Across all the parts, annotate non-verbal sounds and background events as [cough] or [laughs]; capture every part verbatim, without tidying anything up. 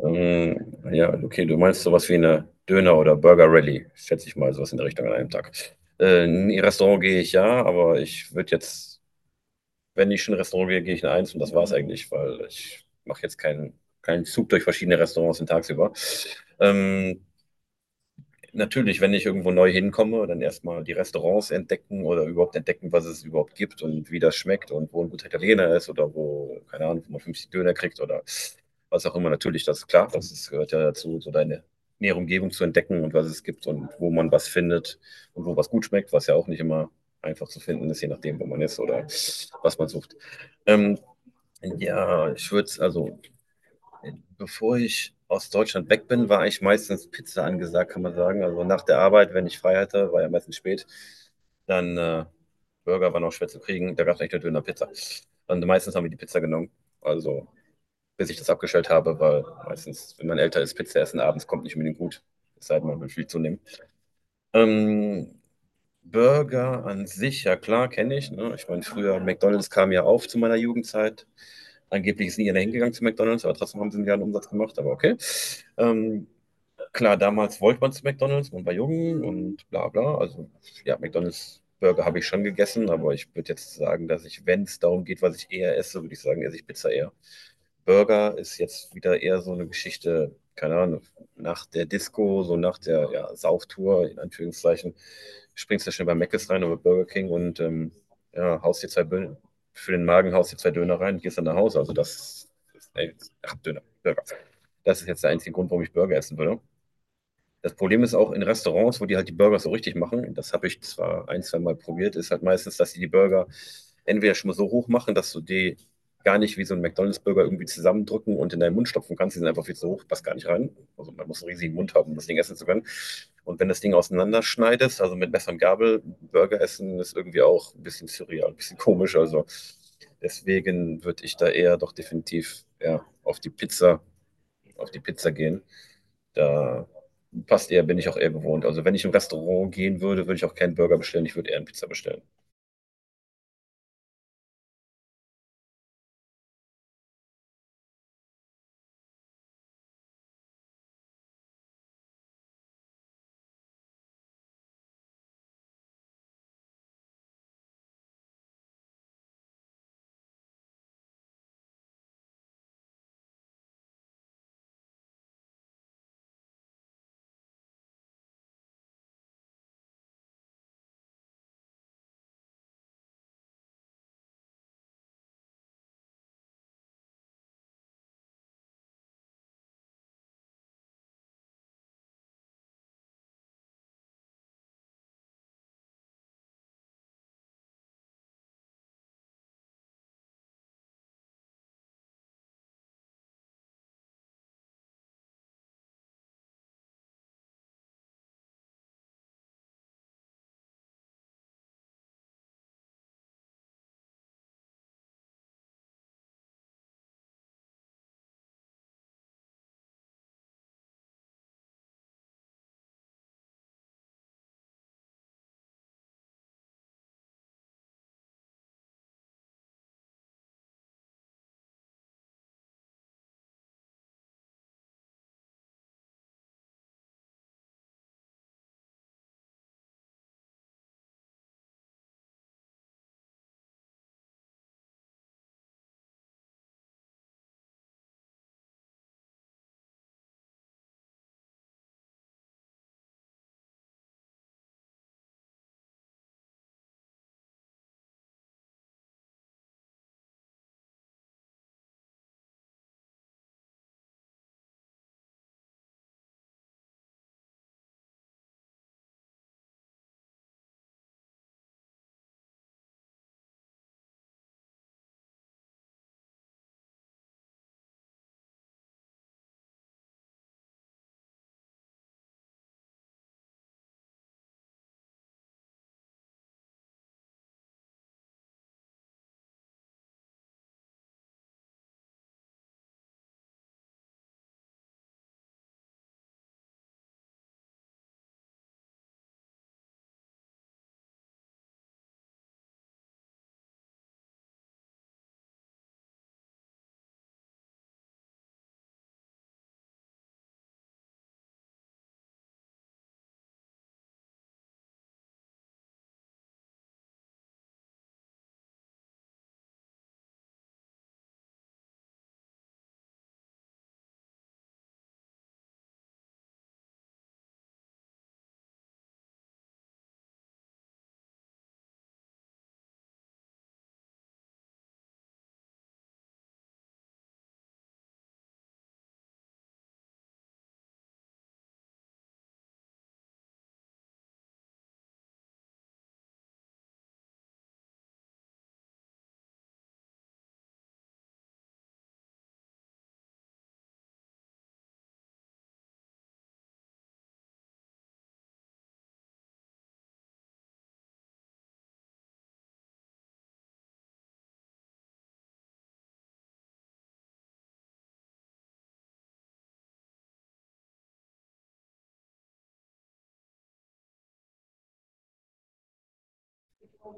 Ähm, ja, okay, du meinst sowas wie eine Döner- oder Burger-Rallye, schätze ich mal, sowas in der Richtung an einem Tag. Äh, in ein Restaurant gehe ich ja, aber ich würde jetzt, wenn ich schon in ein Restaurant gehe, gehe ich in eins und das war's eigentlich, weil ich mache jetzt keinen, keinen Zug durch verschiedene Restaurants den tagsüber. Ähm, natürlich, wenn ich irgendwo neu hinkomme, dann erstmal die Restaurants entdecken oder überhaupt entdecken, was es überhaupt gibt und wie das schmeckt und wo ein guter Italiener ist oder wo, keine Ahnung, wo man fünfzig Döner kriegt oder was auch immer. Natürlich, das ist klar, das ist, gehört ja dazu, so deine nähere Umgebung zu entdecken und was es gibt und wo man was findet und wo was gut schmeckt, was ja auch nicht immer einfach zu finden ist, je nachdem, wo man ist oder was man sucht. Ähm, ja, ich würde es also bevor ich aus Deutschland weg bin, war ich meistens Pizza angesagt, kann man sagen. Also nach der Arbeit, wenn ich frei hatte, war ja meistens spät, dann äh, Burger war noch schwer zu kriegen. Da gab es echt eine Döner-Pizza. Und meistens haben wir die Pizza genommen. Also bis ich das abgestellt habe, weil meistens, wenn man älter ist, Pizza essen abends kommt nicht unbedingt gut. Es sei denn, man will viel zunehmen. Ähm, Burger an sich, ja klar, kenne ich. Ne? Ich meine, früher McDonald's kam ja auf zu meiner Jugendzeit. Angeblich ist nie einer hingegangen zu McDonald's, aber trotzdem haben sie einen Umsatz gemacht, aber okay. Ähm, Klar, damals wollte man zu McDonald's, man war jung und bla bla. Also ja, McDonald's Burger habe ich schon gegessen, aber ich würde jetzt sagen, dass ich, wenn es darum geht, was ich eher esse, würde ich sagen, esse ich Pizza eher. Burger ist jetzt wieder eher so eine Geschichte, keine Ahnung, nach der Disco, so nach der ja, Sauftour, in Anführungszeichen, springst du schnell bei Mc's rein oder Burger King und ähm, ja, haust dir zwei Bö für den Magen haust dir zwei Döner rein, gehst dann nach Hause. Also das ist, ey, ach, Döner, Burger. Das ist jetzt der einzige Grund, warum ich Burger essen würde. Das Problem ist auch in Restaurants, wo die halt die Burger so richtig machen, das habe ich zwar ein, zwei Mal probiert, ist halt meistens, dass sie die Burger entweder schon mal so hoch machen, dass du die gar nicht wie so ein McDonalds-Burger irgendwie zusammendrücken und in deinen Mund stopfen kannst. Die sind einfach viel zu hoch, passt gar nicht rein. Also man muss einen riesigen Mund haben, um das Ding essen zu können. Und wenn das Ding auseinanderschneidest, also mit Messer und Gabel, Burger essen ist irgendwie auch ein bisschen surreal, ein bisschen komisch. Also deswegen würde ich da eher doch definitiv ja, auf die Pizza, auf die Pizza gehen. Da passt eher, bin ich auch eher gewohnt. Also wenn ich im Restaurant gehen würde, würde ich auch keinen Burger bestellen, ich würde eher eine Pizza bestellen.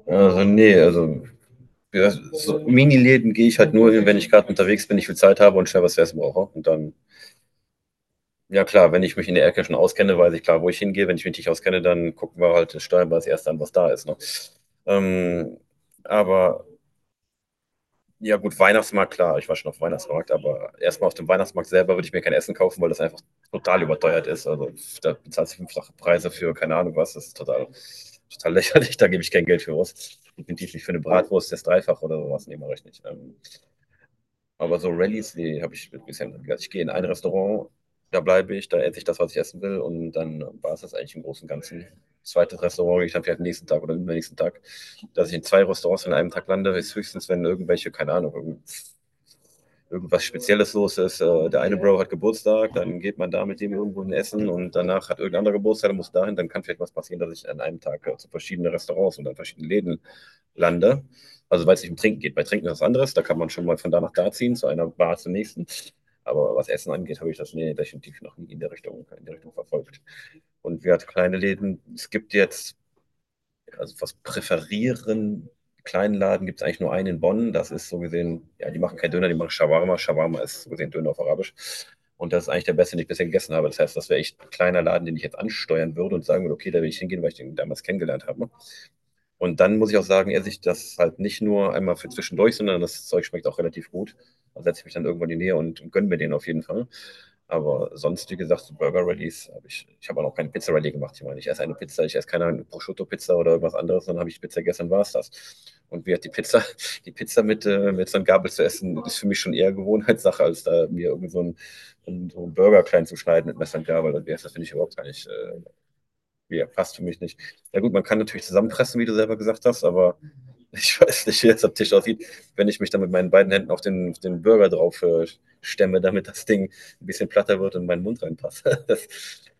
Also nee, also ja, so Mini-Läden gehe ich halt nur hin, wenn ich gerade unterwegs bin, ich viel Zeit habe und schnell was zu essen brauche. Und dann, ja klar, wenn ich mich in der Ecke schon auskenne, weiß ich klar, wo ich hingehe. Wenn ich mich nicht auskenne, dann gucken wir halt, steuern wir als erstes an, was da ist. Ne? Ähm, aber ja, gut, Weihnachtsmarkt, klar. Ich war schon auf dem Weihnachtsmarkt, aber erstmal auf dem Weihnachtsmarkt selber würde ich mir kein Essen kaufen, weil das einfach total überteuert ist. Also pf, da bezahlst du fünffache Preise für keine Ahnung was. Das ist total, total [laughs] lächerlich. Da gebe ich kein Geld für aus. Definitiv nicht für eine Bratwurst, das Dreifach oder sowas. Nee, mache ich nicht. Ähm, aber so Rallyes, nee, habe ich bisher nicht gemacht. Ich gehe in ein Restaurant, da bleibe ich, da esse ich das, was ich essen will und dann war es das eigentlich im Großen und Ganzen. Zweites Restaurant gehe ich dann vielleicht am nächsten Tag oder übernächsten Tag. Dass ich in zwei Restaurants in einem Tag lande, ist höchstens, wenn irgendwelche, keine Ahnung, irgend- irgendwas Spezielles los ist. Äh, der eine Bro hat Geburtstag, dann geht man da mit dem irgendwo in Essen und danach hat irgendein anderer Geburtstag, dann muss dahin, dann kann vielleicht was passieren, dass ich an einem Tag äh, zu verschiedenen Restaurants und an verschiedenen Läden lande. Also weil es nicht um Trinken geht. Bei Trinken ist was anderes, da kann man schon mal von da nach da ziehen, zu einer Bar zur nächsten. Aber was Essen angeht, habe ich das nee, definitiv noch nie in der Richtung, in der Richtung verfolgt. Und wir hatten kleine Läden. Es gibt jetzt also was präferieren. Kleinladen gibt es eigentlich nur einen in Bonn. Das ist so gesehen, ja, die machen keinen Döner, die machen Shawarma. Shawarma ist so gesehen Döner auf Arabisch. Und das ist eigentlich der beste, den ich bisher gegessen habe. Das heißt, das wäre echt ein kleiner Laden, den ich jetzt ansteuern würde und sagen würde, okay, da will ich hingehen, weil ich den damals kennengelernt habe. Ne? Und dann muss ich auch sagen, esse ich das halt nicht nur einmal für zwischendurch, sondern das Zeug schmeckt auch relativ gut. Da setze ich mich dann irgendwann in die Nähe und, und gönne mir den auf jeden Fall. Aber sonst, wie gesagt, so Burger Rallys habe ich, ich habe auch noch keine Pizza Rallye gemacht. Ich meine, ich esse eine Pizza, ich esse keine Prosciutto-Pizza oder irgendwas anderes, dann habe ich Pizza gegessen, war es das. Und wie hat die Pizza, die Pizza mit, äh, mit so einem Gabel zu essen, ist für mich schon eher Gewohnheitssache, als da mir irgendwie so einen, einen, so einen Burger klein zu schneiden mit Messer und Gabel. Und wie heißt das, finde ich überhaupt gar nicht, äh, ja, passt für mich nicht. Ja gut, man kann natürlich zusammenpressen, wie du selber gesagt hast, aber ich weiß nicht, wie das am Tisch aussieht, wenn ich mich dann mit meinen beiden Händen auf den, auf den Burger drauf äh, stemme, damit das Ding ein bisschen platter wird und in meinen Mund reinpasst. [laughs] Das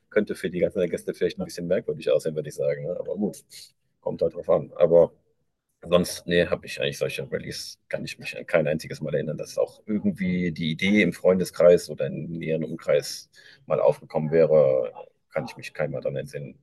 könnte für die ganzen Gäste vielleicht ein bisschen merkwürdig aussehen, würde ich sagen. Ne? Aber gut, kommt halt drauf an. Aber sonst, nee, habe ich eigentlich solche Rallyes, kann ich mich an kein einziges Mal erinnern, dass auch irgendwie die Idee im Freundeskreis oder im näheren Umkreis mal aufgekommen wäre, kann ich mich keinmal daran entsinnen.